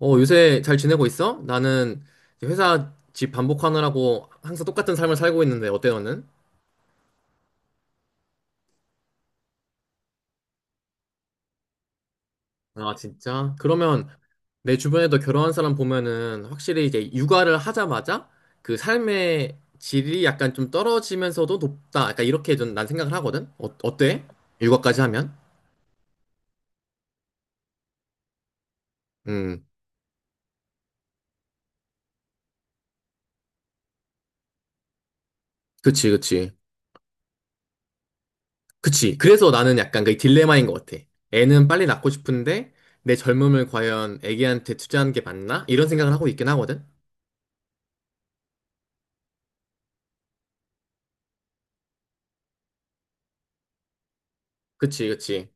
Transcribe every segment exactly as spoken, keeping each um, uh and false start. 어, 요새 잘 지내고 있어? 나는 이제 회사 집 반복하느라고 항상 똑같은 삶을 살고 있는데 어때 너는? 아, 진짜? 그러면 내 주변에도 결혼한 사람 보면은 확실히 이제 육아를 하자마자 그 삶의 질이 약간 좀 떨어지면서도 높다. 약간 이렇게 좀 난 생각을 하거든? 어, 어때? 육아까지 하면? 음, 그치, 그치. 그치. 그래서 나는 약간 그 딜레마인 것 같아. 애는 빨리 낳고 싶은데 내 젊음을 과연 애기한테 투자하는 게 맞나? 이런 생각을 하고 있긴 하거든? 그치, 그치,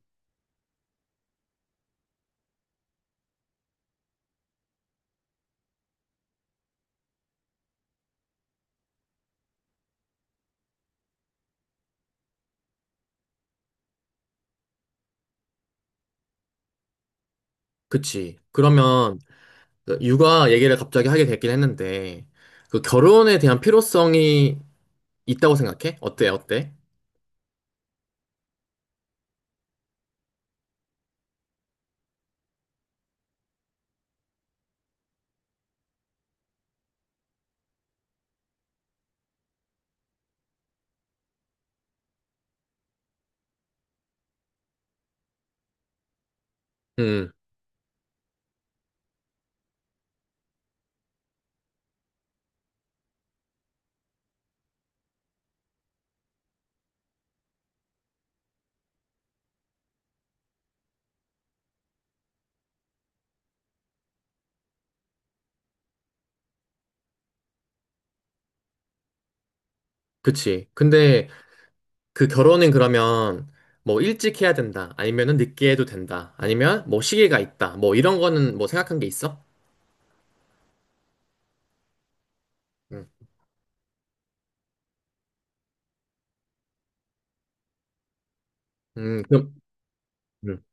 그치. 그러면 그 육아 얘기를 갑자기 하게 됐긴 했는데, 그 결혼에 대한 필요성이 있다고 생각해? 어때, 어때? 음, 그치. 근데 그 결혼은 그러면 뭐 일찍 해야 된다, 아니면은 늦게 해도 된다, 아니면 뭐 시기가 있다, 뭐 이런 거는 뭐 생각한 게 있어? 음, 음, 그럼, 음,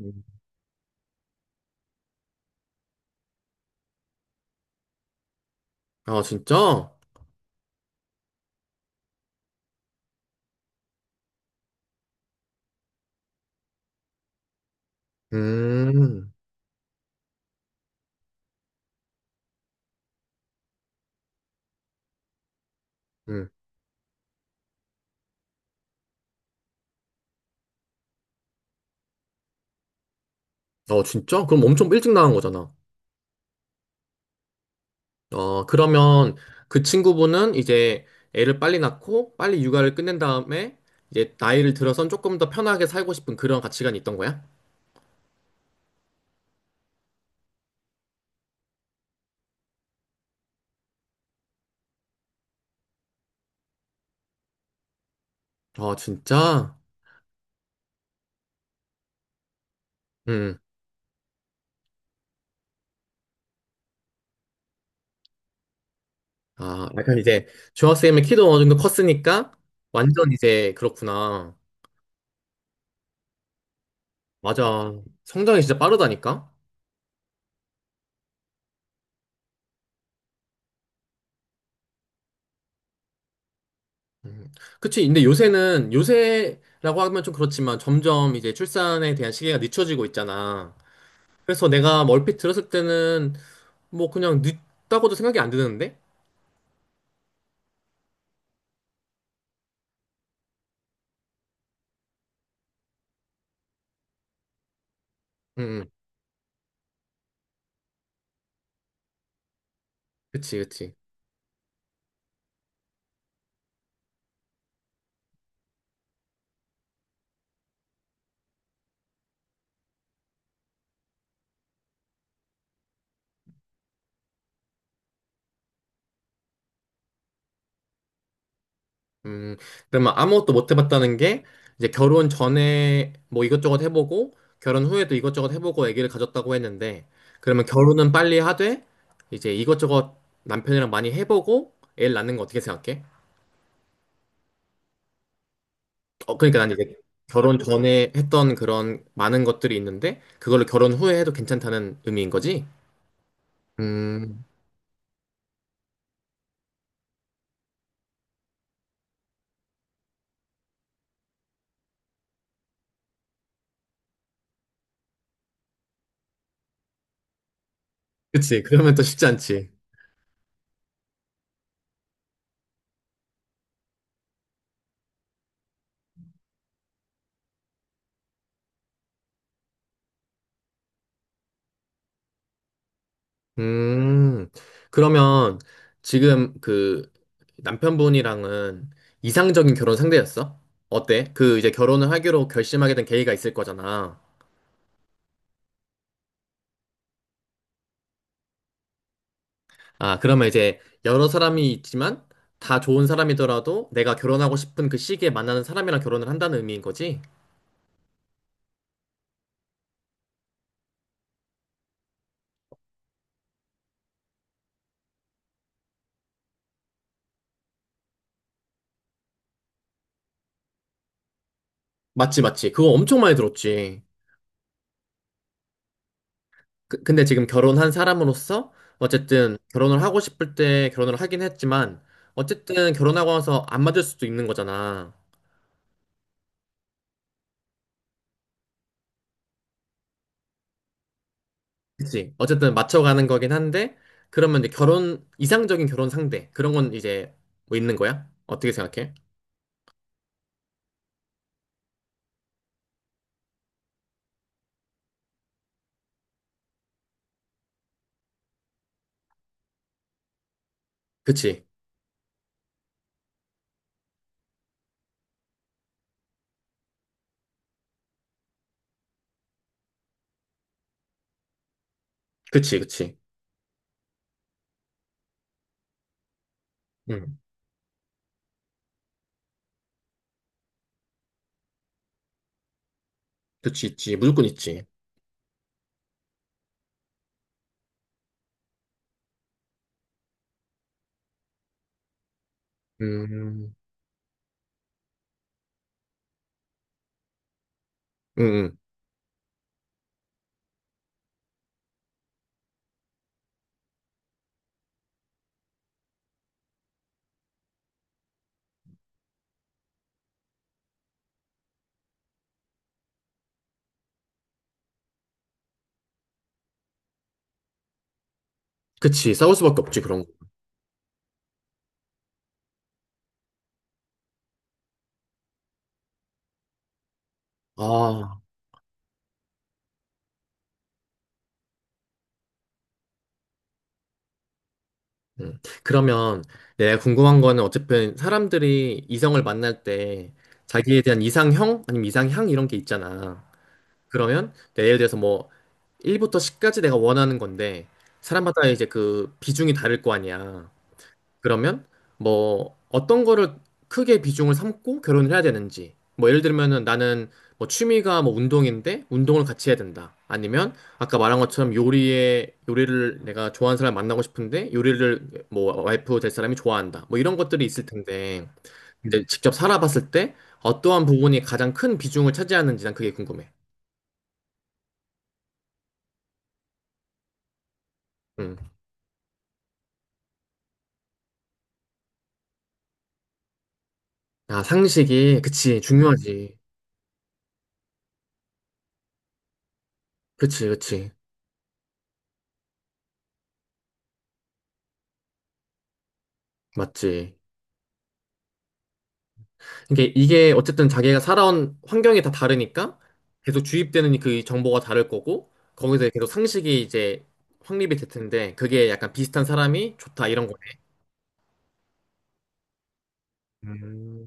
음. 아, 진짜? 음, 음. 어, 진짜? 그럼 엄청 일찍 나간 거잖아. 어, 그러면 그 친구분은 이제 애를 빨리 낳고 빨리 육아를 끝낸 다음에 이제 나이를 들어선 조금 더 편하게 살고 싶은 그런 가치관이 있던 거야? 어, 진짜? 음. 아, 약간 이제 중학생이면 키도 어느 정도 컸으니까 완전 이제 그렇구나. 맞아. 성장이 진짜 빠르다니까? 음. 그치. 근데 요새는, 요새라고 하면 좀 그렇지만 점점 이제 출산에 대한 시기가 늦춰지고 있잖아. 그래서 내가 멀핏 들었을 때는 뭐 그냥 늦다고도 생각이 안 드는데? 음, 음. 그치, 그치. 음, 그러면 아무것도 못 해봤다는 게, 이제 결혼 전에 뭐 이것저것 해보고, 결혼 후에도 이것저것 해보고 아기를 가졌다고 했는데, 그러면 결혼은 빨리 하되, 이제 이것저것 남편이랑 많이 해보고, 애를 낳는 거 어떻게 생각해? 어, 그러니까 난 이제 결혼 전에 했던 그런 많은 것들이 있는데, 그걸로 결혼 후에 해도 괜찮다는 의미인 거지? 음, 그치. 그러면 또 쉽지 않지. 음, 그러면 지금 그 남편분이랑은 이상적인 결혼 상대였어? 어때? 그 이제 결혼을 하기로 결심하게 된 계기가 있을 거잖아. 아, 그러면 이제 여러 사람이 있지만 다 좋은 사람이더라도 내가 결혼하고 싶은 그 시기에 만나는 사람이랑 결혼을 한다는 의미인 거지? 맞지, 맞지. 그거 엄청 많이 들었지. 그- 근데 지금 결혼한 사람으로서 어쨌든 결혼을 하고 싶을 때 결혼을 하긴 했지만 어쨌든 결혼하고 나서 안 맞을 수도 있는 거잖아. 그치. 어쨌든 맞춰가는 거긴 한데, 그러면 이제 결혼, 이상적인 결혼 상대, 그런 건 이제 뭐 있는 거야? 어떻게 생각해? 그치. 그치, 그치. 응. 그치, 있지. 무조건 있지. 음, 응, 응. 그치. 싸울 수밖에 없지, 그런 거. 아, 음. 그러면 내가 궁금한 거는 어쨌든 사람들이 이성을 만날 때 자기에 대한 이상형? 아니면 이상향? 이런 게 있잖아. 그러면 내 예를 들어서 뭐 일부터 십까지 내가 원하는 건데, 사람마다 이제 그 비중이 다를 거 아니야. 그러면 뭐 어떤 거를 크게 비중을 삼고 결혼을 해야 되는지 뭐 예를 들면은 나는 뭐 취미가 뭐 운동인데 운동을 같이 해야 된다 아니면 아까 말한 것처럼 요리에 요리를 내가 좋아하는 사람 만나고 싶은데 요리를 뭐 와이프 될 사람이 좋아한다 뭐 이런 것들이 있을 텐데 이제 직접 살아봤을 때 어떠한 부분이 가장 큰 비중을 차지하는지 난 그게 궁금해. 음. 아 상식이 그치 중요하지. 그치 그치 맞지. 이게, 이게 어쨌든 자기가 살아온 환경이 다 다르니까 계속 주입되는 그 정보가 다를 거고 거기서 계속 상식이 이제 확립이 될 텐데 그게 약간 비슷한 사람이 좋다 이런 거네. 음,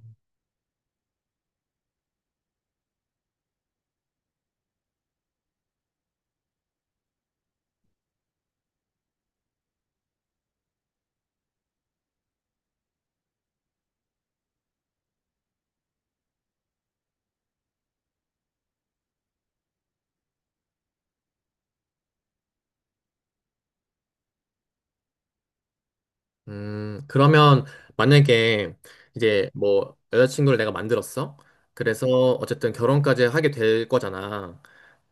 음, 그러면 만약에 이제 뭐 여자친구를 내가 만들었어. 그래서 어쨌든 결혼까지 하게 될 거잖아.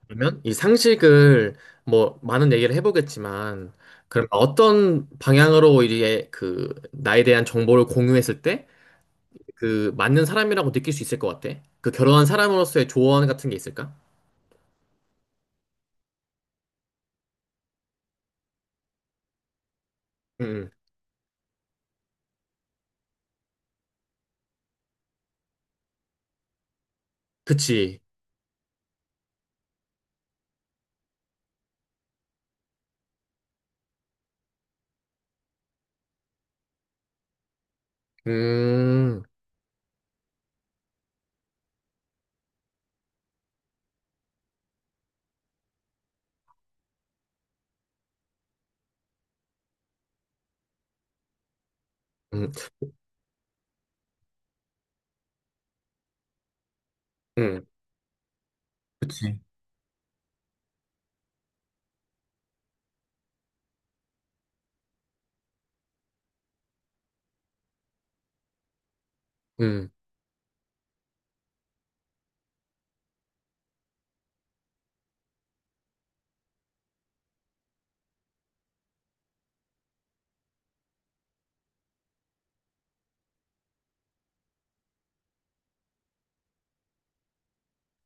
그러면 이 상식을 뭐 많은 얘기를 해보겠지만 그럼 어떤 방향으로 이제 그 나에 대한 정보를 공유했을 때 그 맞는 사람이라고 느낄 수 있을 것 같아? 그 결혼한 사람으로서의 조언 같은 게 있을까? 응, 응. 그치. 음, 음, 음, 그치. 음,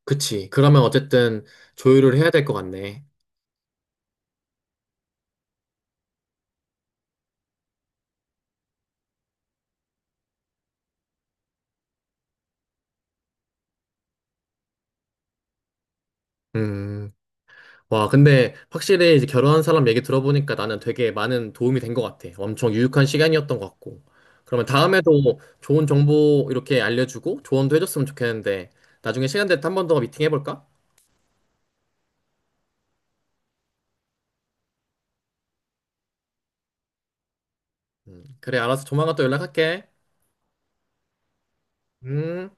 그치. 그러면 어쨌든 조율을 해야 될 것 같네. 음, 와, 근데 확실히 이제 결혼한 사람 얘기 들어보니까 나는 되게 많은 도움이 된 것 같아. 엄청 유익한 시간이었던 것 같고. 그러면 다음에도 좋은 정보 이렇게 알려주고 조언도 해줬으면 좋겠는데 나중에 시간 될 때 한 번 더 미팅 해볼까? 음, 그래, 알았어. 조만간 또 연락할게. 음.